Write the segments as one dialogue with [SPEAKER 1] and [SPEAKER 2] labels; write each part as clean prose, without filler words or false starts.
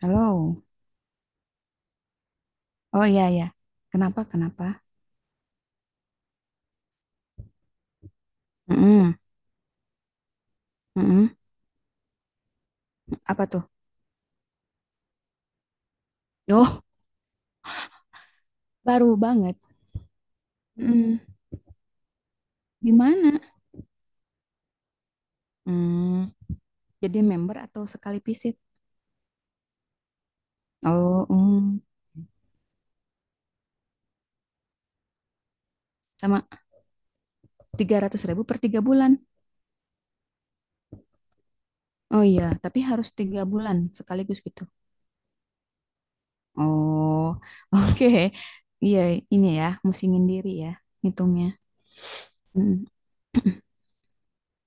[SPEAKER 1] Halo. Oh iya ya. Kenapa? Kenapa? Mm-mm, mm-mm. Apa tuh? Oh, baru banget. Mm. Di mana? Hmm, jadi member atau sekali visit? Oh, sama 300.000 per 3 bulan. Oh iya, tapi harus 3 bulan sekaligus gitu. Oh, oke. Iya, ini ya, musingin diri ya, hitungnya. mm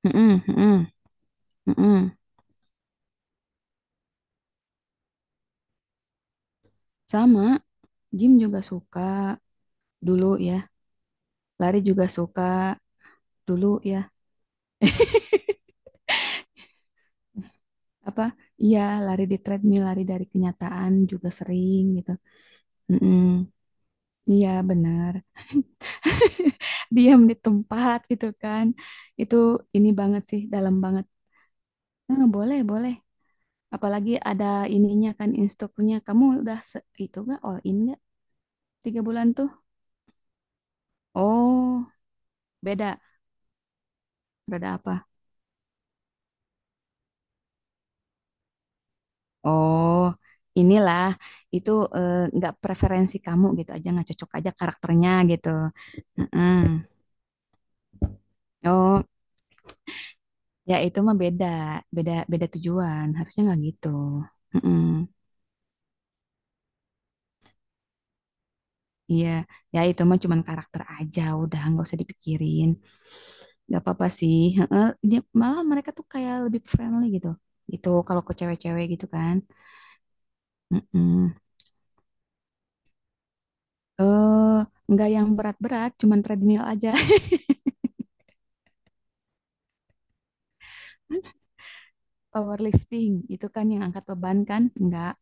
[SPEAKER 1] mm-mm, mm-mm, mm-mm. Sama, gym juga suka dulu ya, lari juga suka dulu ya. Apa iya, lari di treadmill, lari dari kenyataan juga sering gitu. Mm-mm. Iya benar. Diam di tempat gitu kan. Itu ini banget sih, dalam banget. Boleh boleh, apalagi ada ininya kan, instrukturnya kamu udah itu gak all in gak 3 bulan tuh? Oh, beda. Rada apa? Oh inilah, itu, nggak preferensi kamu gitu, aja nggak cocok aja karakternya gitu. Heeh. Oh. Ya itu mah beda, beda beda tujuan. Harusnya nggak gitu. Mm-mm. Iya, ya itu mah cuman karakter aja. Udah nggak usah dipikirin. Nggak apa-apa sih. Heeh. Dia, malah mereka tuh kayak lebih friendly gitu. Gitu kalau ke cewek-cewek gitu kan. Mm-mm. Eh, nggak yang berat-berat, cuman treadmill aja. Powerlifting itu kan yang angkat beban kan?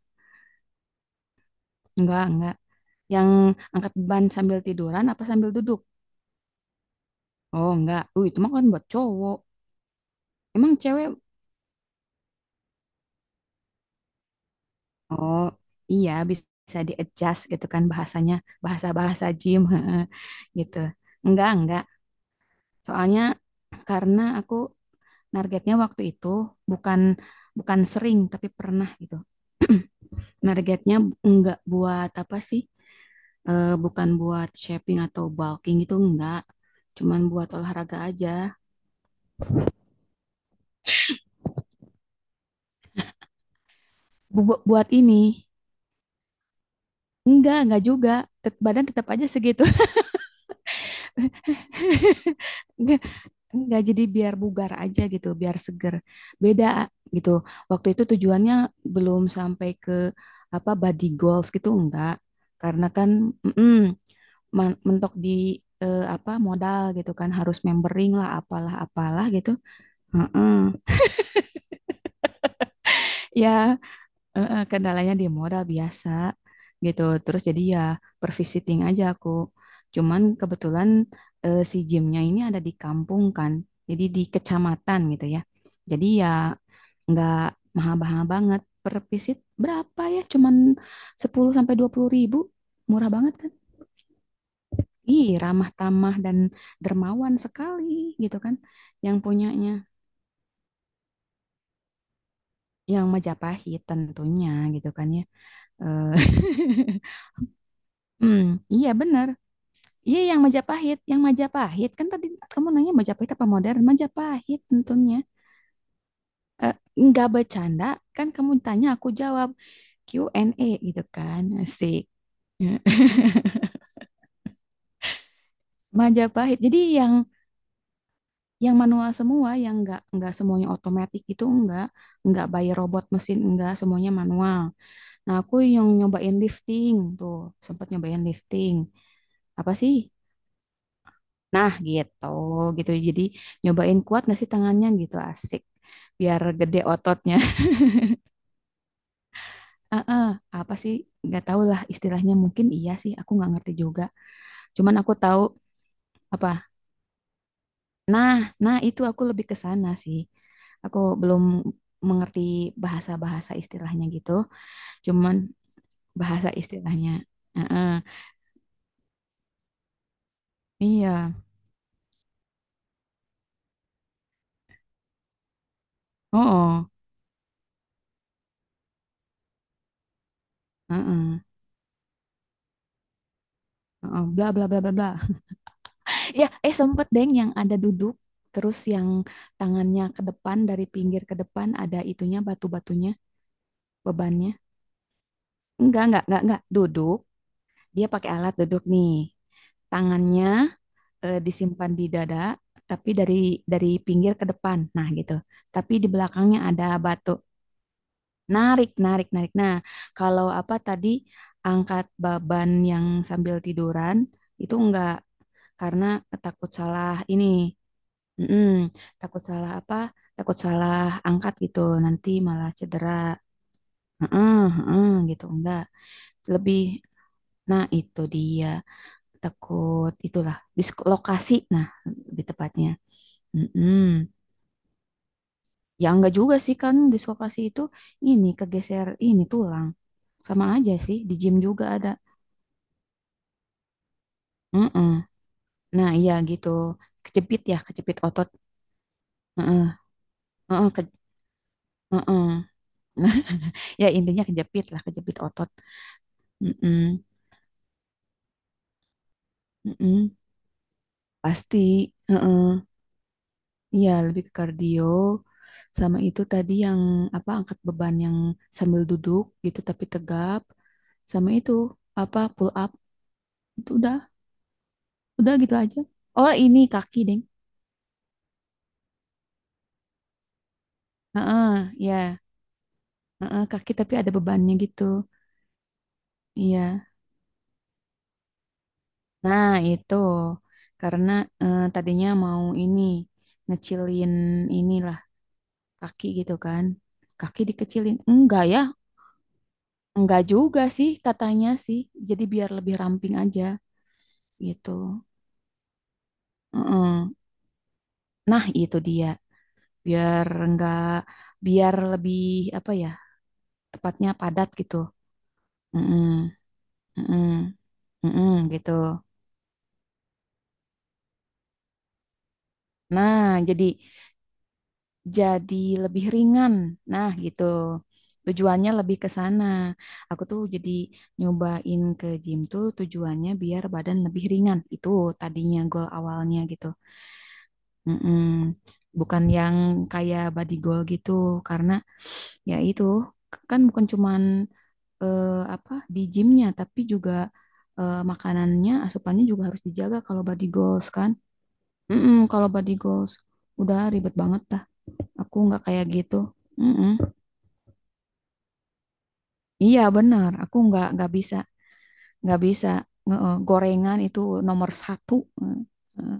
[SPEAKER 1] Enggak, enggak. Yang angkat beban sambil tiduran apa sambil duduk? Oh, enggak. Itu mah kan buat cowok. Emang cewek? Oh iya, bisa di adjust gitu kan bahasanya, bahasa-bahasa gym. Heeh, gitu. Enggak enggak. Soalnya karena aku targetnya waktu itu bukan bukan sering tapi pernah gitu. Targetnya enggak buat apa sih? Bukan buat shaping atau bulking, itu enggak. Cuman buat olahraga aja. Buat ini. Enggak juga. Badan tetap aja segitu. Enggak, jadi biar bugar aja gitu, biar seger. Beda gitu. Waktu itu tujuannya belum sampai ke apa body goals gitu, enggak. Karena kan mm-mm, mentok di apa modal gitu kan, harus membering lah, apalah apalah gitu. Heeh. Ya, kendalanya di modal biasa gitu. Terus jadi ya per visiting aja aku. Cuman kebetulan si gymnya ini ada di kampung kan. Jadi di kecamatan gitu ya. Jadi ya nggak mahal-mahal banget. Per visit berapa ya? Cuman 10.000 sampai 20.000. Murah banget kan? Ih, ramah tamah dan dermawan sekali gitu kan. Yang punyanya. Yang Majapahit tentunya gitu kan ya. Eh, Hmm, iya benar. Iya yang Majapahit kan tadi kamu nanya Majapahit apa modern? Majapahit tentunya. Eh, nggak bercanda, kan kamu tanya aku jawab, Q&A gitu kan, asik. Majapahit. Jadi yang manual semua, yang nggak semuanya otomatis, itu enggak, nggak by robot mesin, enggak, semuanya manual. Nah aku yang nyobain lifting tuh, sempat nyobain lifting. Apa sih? Nah, gitu, gitu. Jadi nyobain kuat nggak sih tangannya gitu, asik. Biar gede ototnya. ah ah, apa sih? Nggak tahu lah istilahnya. Mungkin iya sih, aku nggak ngerti juga. Cuman aku tahu apa. Nah, nah, itu aku lebih ke sana sih. Aku belum mengerti bahasa-bahasa istilahnya gitu. Cuman bahasa istilahnya. ah ah. Iya. Oh, oh. Heeh, heeh. Bla bla bla bla bla. Ya, sempet deng yang ada duduk, terus yang tangannya ke depan, dari pinggir ke depan, ada itunya, batu-batunya, bebannya. Enggak, enggak. Duduk, dia pakai alat duduk nih. Tangannya disimpan di dada, tapi dari pinggir ke depan. Nah, gitu. Tapi di belakangnya ada batu. Narik, narik, narik. Nah, kalau apa tadi angkat beban yang sambil tiduran itu enggak, karena takut salah ini. Mm-mm. Takut salah apa? Takut salah angkat gitu, nanti malah cedera. Heeh, heeh, gitu enggak. Lebih, nah itu dia, takut itulah dislokasi, nah lebih tepatnya. Mm-mm. Ya enggak juga sih, kan dislokasi itu ini kegeser ini tulang. Sama aja sih di gym juga ada. Mm-mm. Nah iya gitu, kejepit ya, kejepit otot. Heeh, heeh, heeh. Nah, ya intinya kejepit lah, kejepit otot. Mm-mm. Mm-mm, pasti. Heeh. Iya, lebih ke kardio. Sama itu tadi yang apa angkat beban yang sambil duduk gitu, tapi tegap. Sama itu apa pull up. Itu udah gitu aja. Oh, ini kaki, Deng. Heeh, ya. Heeh, kaki tapi ada bebannya gitu. Iya. Nah, itu karena tadinya mau ini, ngecilin inilah kaki gitu kan. Kaki dikecilin. Enggak ya, enggak juga sih katanya sih. Jadi biar lebih ramping aja gitu. Mm-mm. Nah, itu dia. Biar enggak, biar lebih apa ya? Tepatnya padat gitu. Mm-mm. Mm-mm. Mm-mm, gitu. Nah, jadi jadi lebih ringan. Nah, gitu. Tujuannya lebih ke sana. Aku tuh jadi nyobain ke gym tuh tujuannya biar badan lebih ringan. Itu tadinya goal awalnya gitu. Mm-mm. Bukan yang kayak body goal gitu, karena ya itu kan bukan cuman eh, apa di gymnya tapi juga makanannya, asupannya juga harus dijaga kalau body goals kan. Mm-mm, kalau body goals udah ribet banget dah. Aku nggak kayak gitu. Mm-mm. Iya benar. Aku nggak bisa, nggak bisa gorengan itu nomor satu. Eh, eh,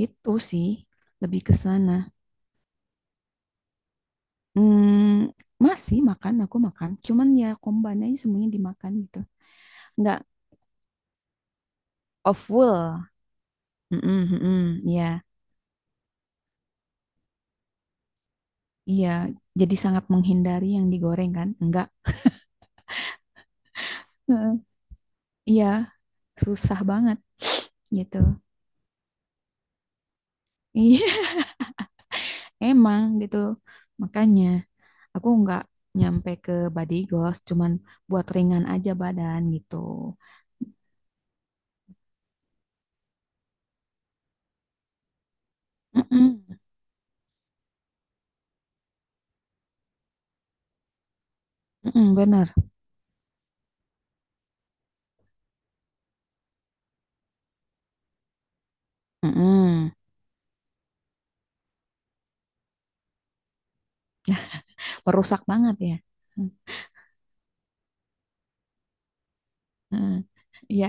[SPEAKER 1] Gitu sih, lebih ke sana. Hmm, masih makan, aku makan. Cuman ya komban aja semuanya dimakan gitu. Nggak of full. Mm-mm, mm-mm. Iya, iya. Jadi sangat menghindari yang digoreng kan? Enggak. Heeh. Iya, susah banget gitu. Iya, emang gitu. Makanya aku nggak nyampe ke body goals, cuman buat ringan aja badan gitu. Mm-mm, mm-mm, bener. Mm-mm. Merusak banget ya. Mm-mm. Iya.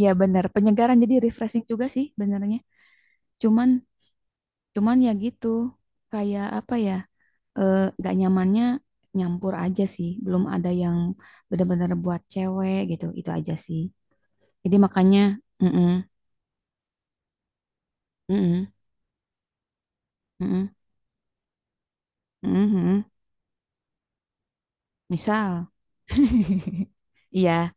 [SPEAKER 1] Ya benar, penyegaran, jadi refreshing juga sih benernya. Cuman cuman ya gitu. Kayak apa ya? eh, Gak nyamannya nyampur aja sih. Belum ada yang benar-benar buat cewek gitu. Itu aja sih. Jadi makanya mm-mm, mm-mm, mm-mm, mm-mm, mm-mm. Misal iya,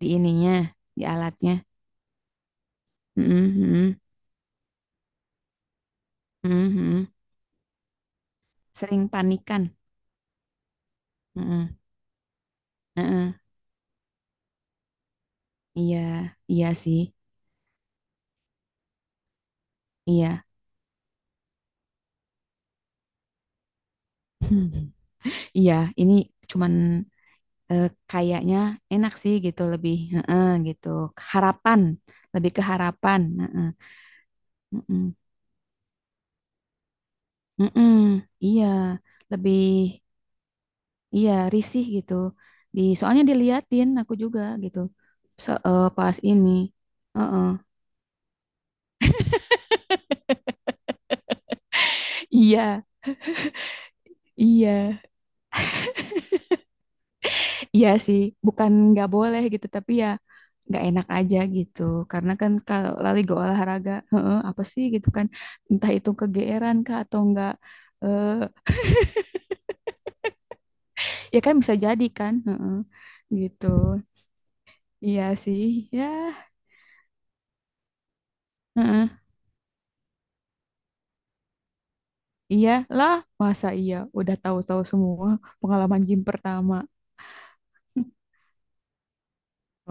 [SPEAKER 1] di ininya, di alatnya. Mm-mm, mm-mm, mm-mm, mm-mm. Sering panikan. Mm-mm, mm-mm. Iya, iya sih. Iya. Iya, ini cuman eh, kayaknya enak sih gitu, lebih, heeh, gitu, harapan, lebih ke harapan, heeh. Mm-mm. Mm-mm. Iya, lebih, iya risih gitu, di soalnya diliatin aku juga gitu. Pas ini. Heeh. Iya, iya, iya sih, bukan nggak boleh gitu tapi ya nggak enak aja gitu. Karena kan kalau lali go olahraga, heeh, apa sih gitu kan, entah itu kegeeran kah atau enggak. Ya kan bisa jadi kan, heeh, gitu. Iya sih, ya, heeh. Iya lah, masa iya udah tahu-tahu semua pengalaman gym pertama.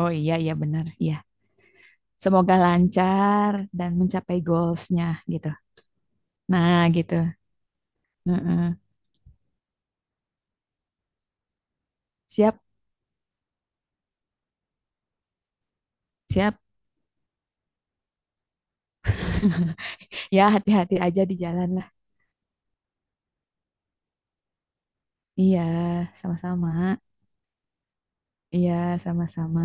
[SPEAKER 1] Oh iya, iya benar, iya. Semoga lancar dan mencapai goalsnya gitu. Nah gitu, heeh. Siap siap. Ya hati-hati aja di jalan lah. Iya, sama-sama. Iya, sama-sama.